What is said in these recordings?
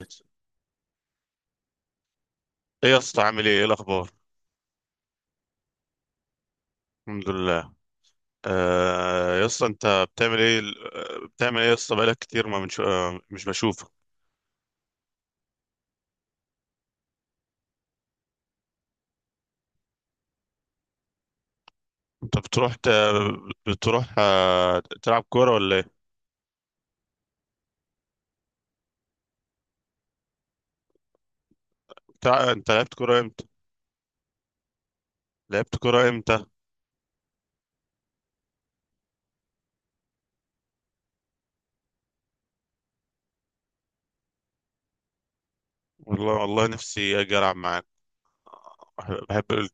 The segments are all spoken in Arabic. ايه. يا اسطى، عامل ايه الاخبار؟ الحمد لله. آه، يا اسطى انت بتعمل ايه؟ بتعمل ايه يا اسطى؟ بقالك كتير ما منش... آه، مش بشوفك. انت بتروح تلعب كوره ولا ايه؟ انت لعبت كوره امتى؟ لعبت كوره امتى؟ والله والله نفسي اجي العب معاك. بحب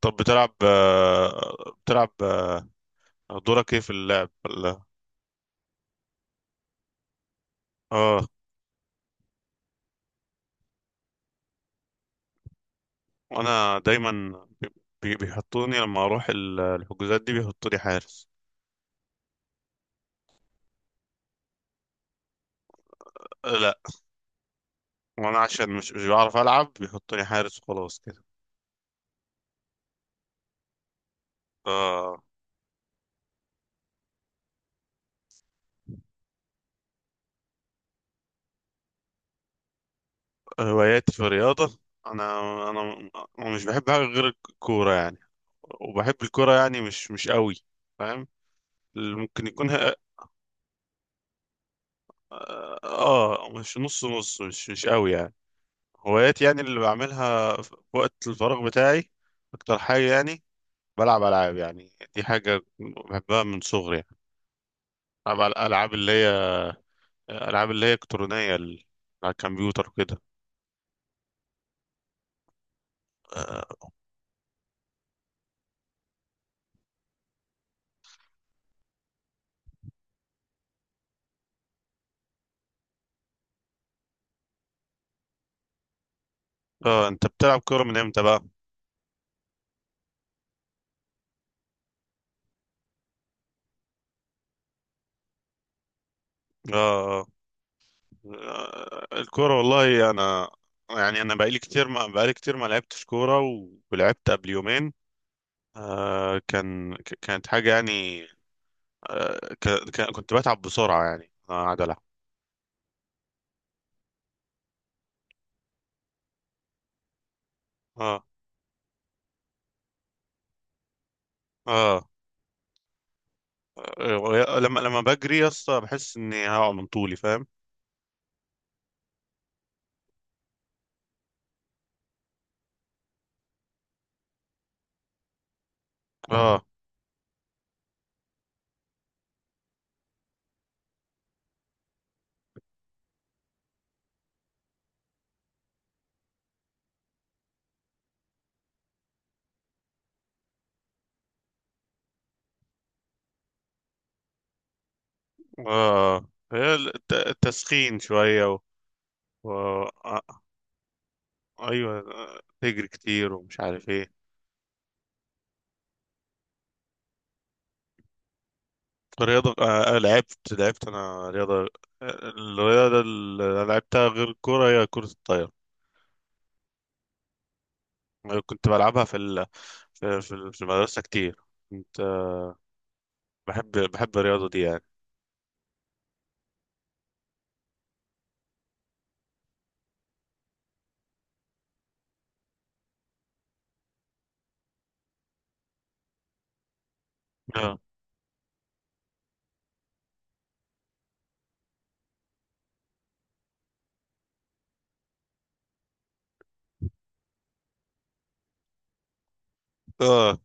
طب بتلعب دورك ايه في اللعب ولا... اه. وانا دايما بي... بيحطوني لما اروح الحجوزات دي بيحطوني حارس. لا. وانا عشان مش بعرف العب بيحطوني حارس وخلاص كده. آه. هواياتي في الرياضه. انا انا انا مش بحب حاجه غير الكوره يعني. وبحب الكوره يعني مش قوي. فاهم. اللي ممكن اه. مش نص نص، مش قوي يعني. هواياتي يعني اللي بعملها في وقت الفراغ بتاعي، اكتر حاجه يعني، بلعب العاب. يعني دي حاجه بحبها من صغري يعني. بلعب العاب اللي هي، الكترونيه، على الكمبيوتر وكده. آه، اه. انت بتلعب كورة من امتى بقى؟ اه. الكورة، والله انا يعني انا بقالي كتير ما لعبتش كورة، ولعبت قبل يومين. كانت حاجة يعني. كنت بتعب بسرعة يعني، انا قاعد العب. اه، اه. لما بجري يا اسطى بحس اني هقع من طولي، فاهم؟ اه، اه. هي التسخين شوية و... آه، ايوه. تجري كتير ومش عارف ايه. رياضة. لعبت أنا رياضة. الرياضة اللي أنا لعبتها غير الكورة هي كرة الطايرة. أنا كنت بلعبها في في المدرسة كتير. كنت آه، بحب الرياضة دي يعني. اه، اه.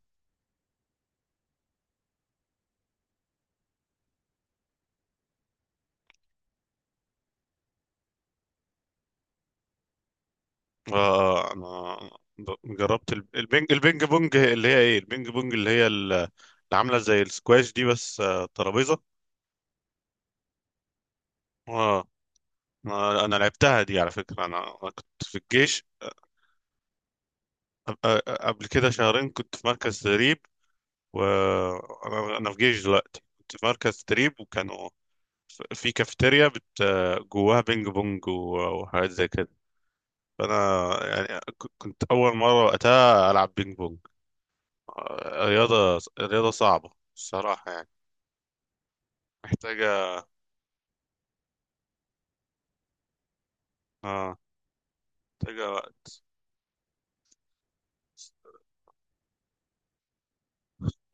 أنا جربت البينج بونج اللي هي إيه، البينج بونج اللي هي اللي عاملة زي السكواش دي، بس ترابيزة. اه. أنا لعبتها دي على فكرة. أنا كنت في الجيش. قبل كده شهرين كنت في مركز تدريب. وانا في جيش دلوقتي، كنت في مركز تدريب وكانوا في كافيتيريا جواها بينج بونج وحاجات زي كده. فانا يعني كنت اول مره وقتها العب بينج بونج. رياضه صعبه الصراحه يعني. محتاجه... اه. محتاجه وقت.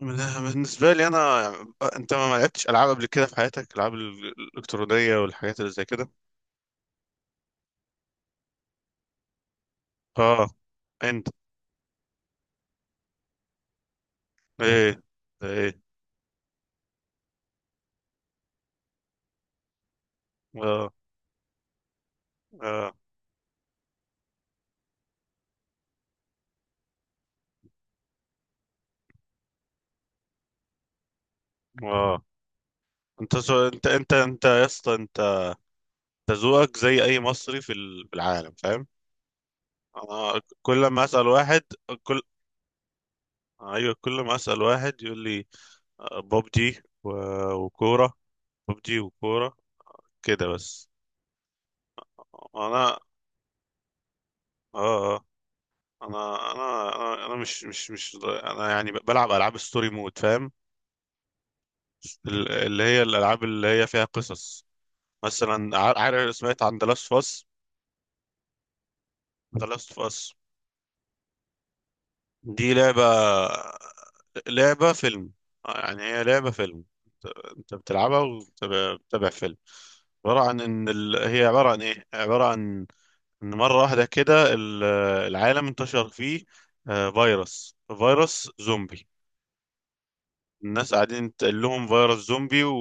من- بالنسبه لي انا يعني، انت ما لعبتش العاب قبل كده في حياتك؟ العاب الالكترونيه والحاجات اللي زي كده. اه. انت. ايه؟ ايه؟ اه، اه، اه. انت سو... انت انت انت يا اسطى، انت ذوقك زي اي مصري في العالم، فاهم. انا كل ما اسال واحد كل ايوه، كل ما اسال واحد يقول لي ببجي وكوره. ببجي وكوره، كده بس. انا. اه، اه. انا مش انا يعني، بلعب العاب ستوري مود، فاهم. اللي هي الالعاب اللي هي فيها قصص. مثلا عارف سمعت عن ذا لاست اوف اس. ذا لاست اوف اس، دي لعبة فيلم. يعني هي لعبة فيلم. انت بتلعبها وبتتابع فيلم. عبارة عن ان ال... هي عبارة عن ان مرة واحدة كده العالم انتشر فيه فيروس زومبي. الناس قاعدين تقول لهم فيروس زومبي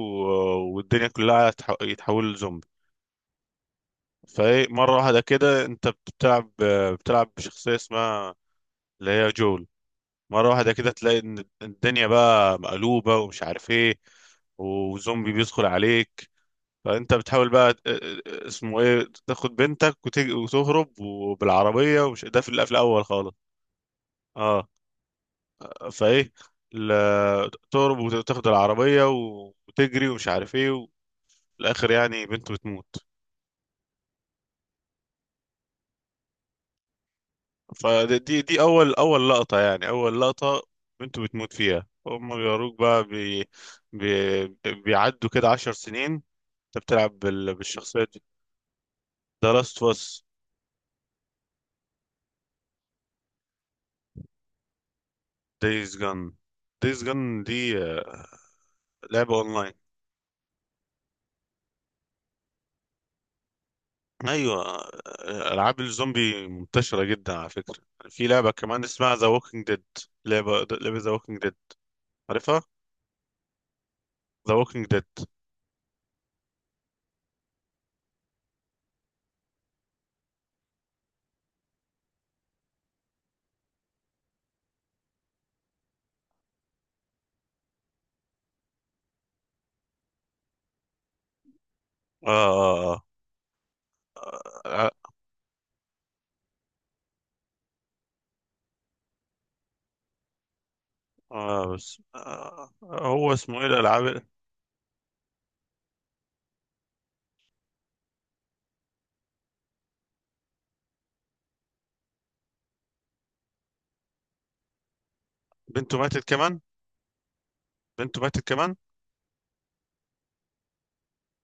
والدنيا كلها يتحول لزومبي. فايه مرة واحدة كده انت بتلعب، بشخصية اسمها اللي هي جول. مرة واحدة كده تلاقي إن الدنيا بقى مقلوبة ومش عارف إيه، وزومبي بيدخل عليك. فأنت بتحاول بقى اسمه إيه، تاخد بنتك وتهرب وبالعربية ومش، ده في القفل الأول خالص. أه. فإيه، تهرب وتاخد العربية وتجري ومش عارف إيه، وفي الآخر يعني بنته بتموت. فدي دي دي أول لقطة، يعني أول لقطة بنته بتموت فيها. هما بيوروك بقى بي بيعدوا كده 10 سنين. انت بتلعب بالشخصيات دي. ذا لاست اوف اس. دايز جان. دايز جان دي لعبة اونلاين. ايوه. العاب الزومبي منتشرة جدا على فكرة. في لعبة كمان اسمها ذا ووكينج ديد. لعبة ذا ووكينج ديد، عارفها؟ ذا ووكينج ديد. آه آه آه, بس هو اسمه ايه الالعاب. بنته ماتت كمان. بنته ماتت كمان.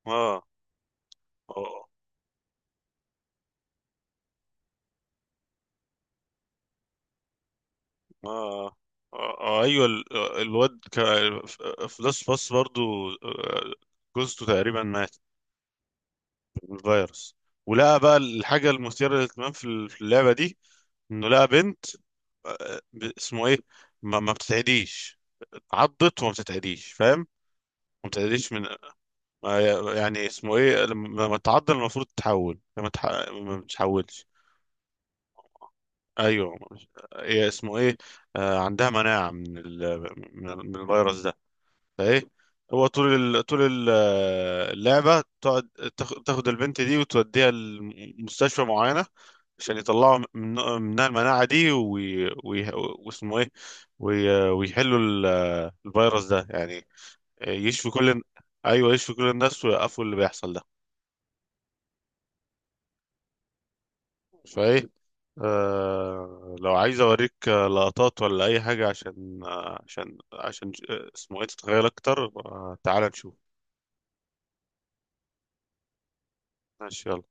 اه. آه، آه. ايوه، الواد في لاست باس برضو. جوزته تقريبا ماتت من الفيروس. ولقى بقى الحاجة المثيرة للاهتمام في اللعبة دي انه لقى بنت، اسمه ايه، ما بتتعديش. اتعضت وما بتتعديش، فاهم. ما بتتعديش من... يعني اسمه ايه، لما تتعض المفروض تتحول ما بتتحولش. ايوه. هي اسمه ايه، عندها مناعة من من الفيروس ده. فايه، هو طول اللعبه تقعد تاخد البنت دي وتوديها لمستشفى معينه عشان يطلعوا منها المناعه دي واسمه ايه، ويحلوا الفيروس ده يعني. يشفوا كل... ايوه، يشفوا كل الناس ويوقفوا اللي بيحصل ده. فايه، لو عايز اوريك لقطات ولا اي حاجه عشان اسمه ايه تتخيل اكتر. تعال نشوف. ماشي، يلا.